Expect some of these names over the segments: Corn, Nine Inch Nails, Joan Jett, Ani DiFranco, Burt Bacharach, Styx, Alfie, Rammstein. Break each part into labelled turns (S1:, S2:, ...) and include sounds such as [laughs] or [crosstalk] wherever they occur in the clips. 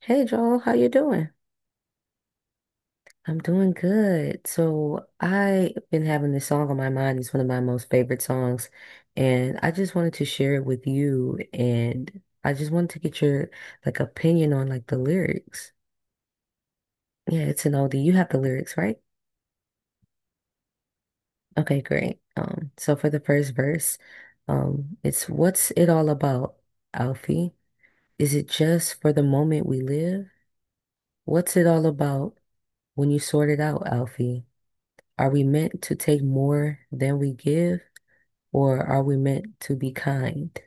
S1: Hey Joel, how you doing? I'm doing good. So I've been having this song on my mind. It's one of my most favorite songs, and I just wanted to share it with you. And I just wanted to get your like opinion on like the lyrics. Yeah, it's an oldie. You have the lyrics, right? Okay, great. So for the first verse, it's what's it all about, Alfie? Is it just for the moment we live? What's it all about when you sort it out, Alfie? Are we meant to take more than we give, or are we meant to be kind?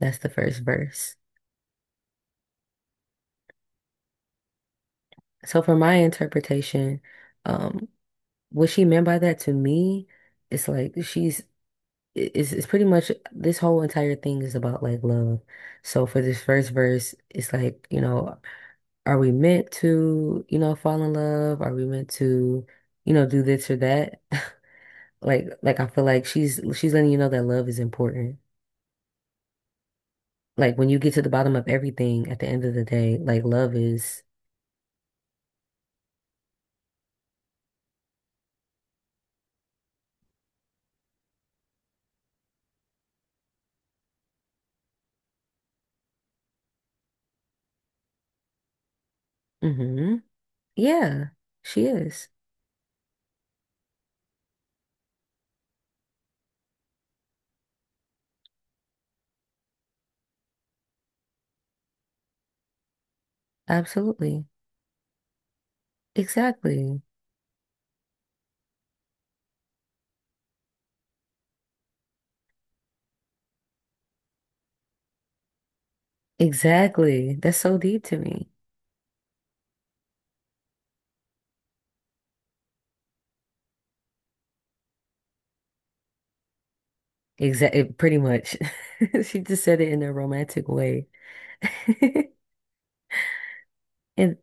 S1: That's the first verse. So, for my interpretation, um, what she meant by that to me, it's like it's pretty much this whole entire thing is about like love. So, for this first verse, it's like, you know, are we meant to, you know, fall in love? Are we meant to, you know, do this or that? [laughs] Like I feel like she's letting you know that love is important. Like when you get to the bottom of everything at the end of the day, like love is, hmm. Yeah, she is. Absolutely. Exactly. Exactly. That's so deep to me. Exactly. Pretty much. [laughs] She just said it in a romantic way. [laughs] And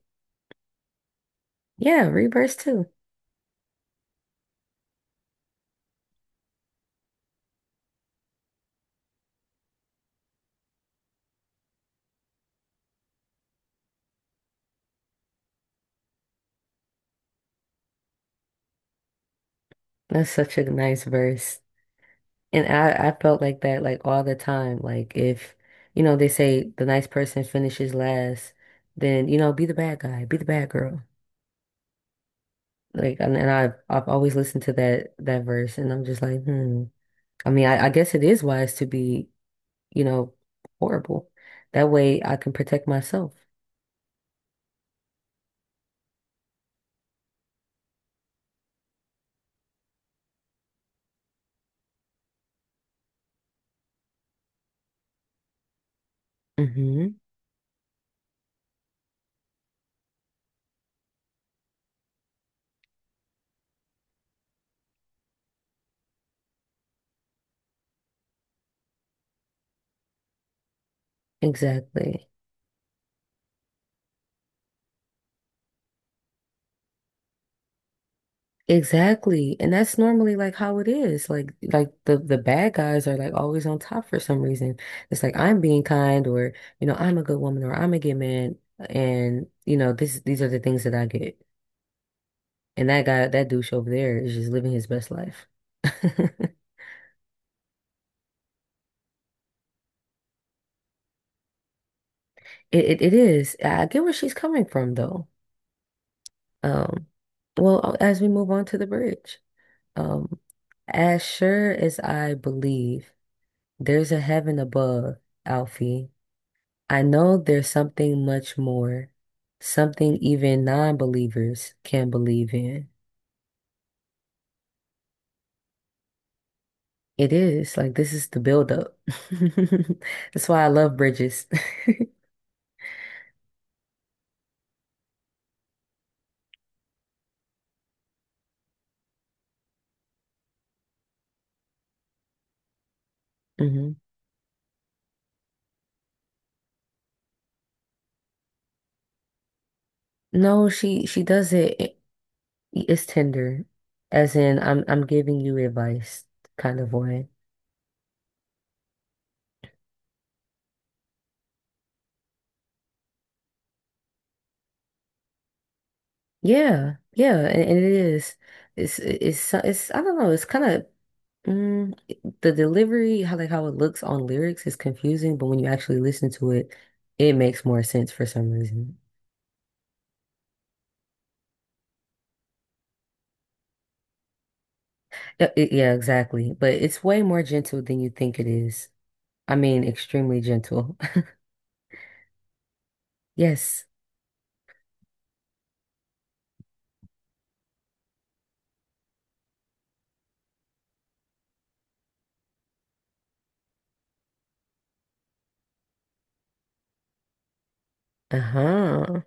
S1: yeah, reverse too. That's such a nice verse. And I felt like that like all the time. Like if, you know, they say the nice person finishes last, then, you know, be the bad guy, be the bad girl. Like, and I've always listened to that verse, and I'm just like, hmm. I mean, I guess it is wise to be, you know, horrible. That way, I can protect myself. Hmm. Exactly. Exactly. And that's normally like how it is. Like the bad guys are like always on top for some reason. It's like I'm being kind or, you know, I'm a good woman or I'm a good man and, you know, this these are the things that I get. And that guy, that douche over there is just living his best life. [laughs] It is. I get where she's coming from though. Um, well, as we move on to the bridge, um, as sure as I believe there's a heaven above, Alfie, I know there's something much more, something even non-believers can believe in. It is like this is the buildup. [laughs] That's why I love bridges. [laughs] hmm. No, she does it. It's tender, as in I'm giving you advice kind of way. Yeah, yeah, and it is. It's I don't know. It's kind of mm, the delivery, how like how it looks on lyrics is confusing, but when you actually listen to it, it makes more sense for some reason. Yeah, exactly. But it's way more gentle than you think it is. I mean, extremely gentle. [laughs] Yes. Uh-huh.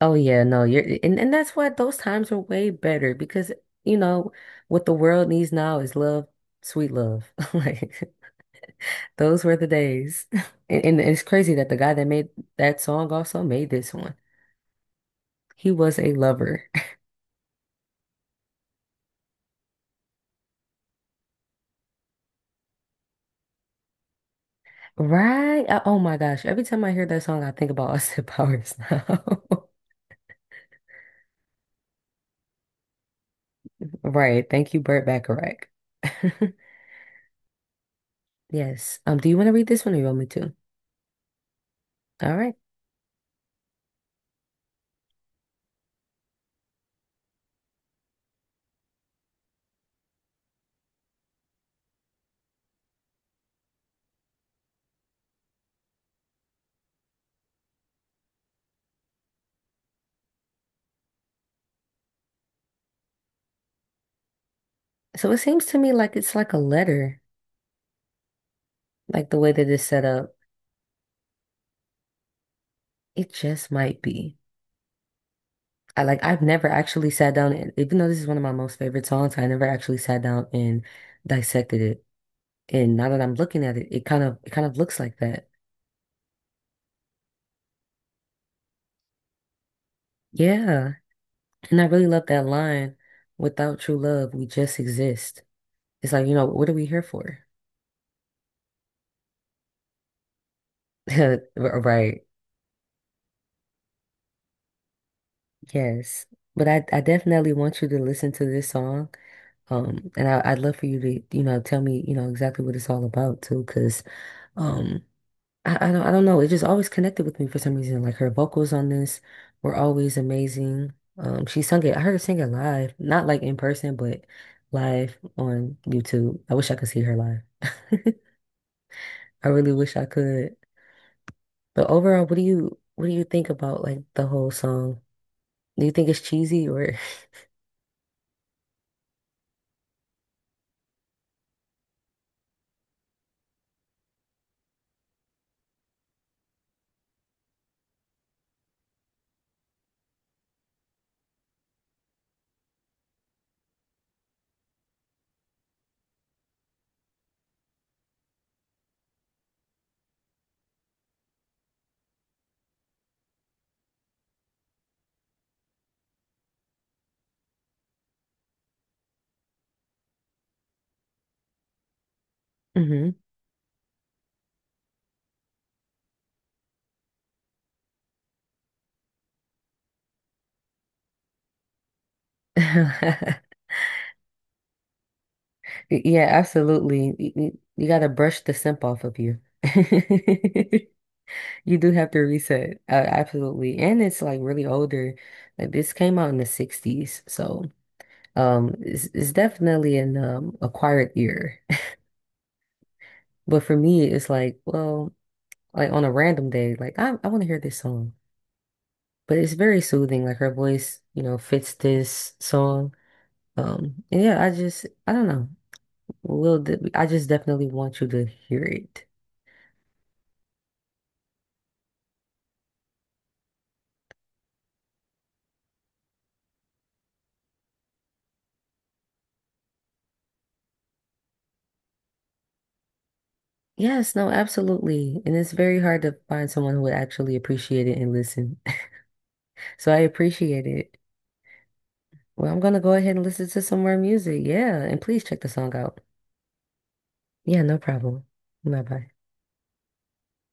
S1: Oh yeah, no, you're and that's why those times are way better because you know what the world needs now is love, sweet love. [laughs] Like those were the days. [laughs] And it's crazy that the guy that made that song also made this one. He was a lover. [laughs] Right? Oh my gosh. Every time I hear that song, I think about [laughs] Austin Powers now. [laughs] Right. Thank you, Burt Bacharach. [laughs] Yes. Do you want to read this one or you want me to? All right. So it seems to me like it's like a letter, like the way that it's set up. It just might be. I like I've never actually sat down and even though this is one of my most favorite songs, I never actually sat down and dissected it. And now that I'm looking at it, it kind of looks like that. Yeah. And I really love that line, without true love, we just exist. It's like, you know, what are we here for? [laughs] Right. Yes. But I definitely want you to listen to this song. And I'd love for you to, you know, tell me, you know, exactly what it's all about too, because um. I don't know. It just always connected with me for some reason. Like her vocals on this were always amazing. She sung it. I heard her sing it live, not like in person, but live on YouTube. I wish I could see her live. [laughs] I really wish I could. But overall, what do you think about like the whole song? Do you think it's cheesy or? [laughs] hmm. [laughs] Yeah, absolutely. You gotta brush the simp off of you. [laughs] You do have to reset. Absolutely. And it's like really older. Like this came out in the 60s. So it's definitely an acquired ear. [laughs] But for me, it's like, well, like on a random day, like I want to hear this song. But it's very soothing. Like her voice, you know, fits this song. And yeah, I don't know. I just definitely want you to hear it. Yes, no, absolutely. And it's very hard to find someone who would actually appreciate it and listen. So I appreciate it. Well, I'm gonna go ahead and listen to some more music. Yeah, and please check the song out. Yeah, no problem. Bye bye.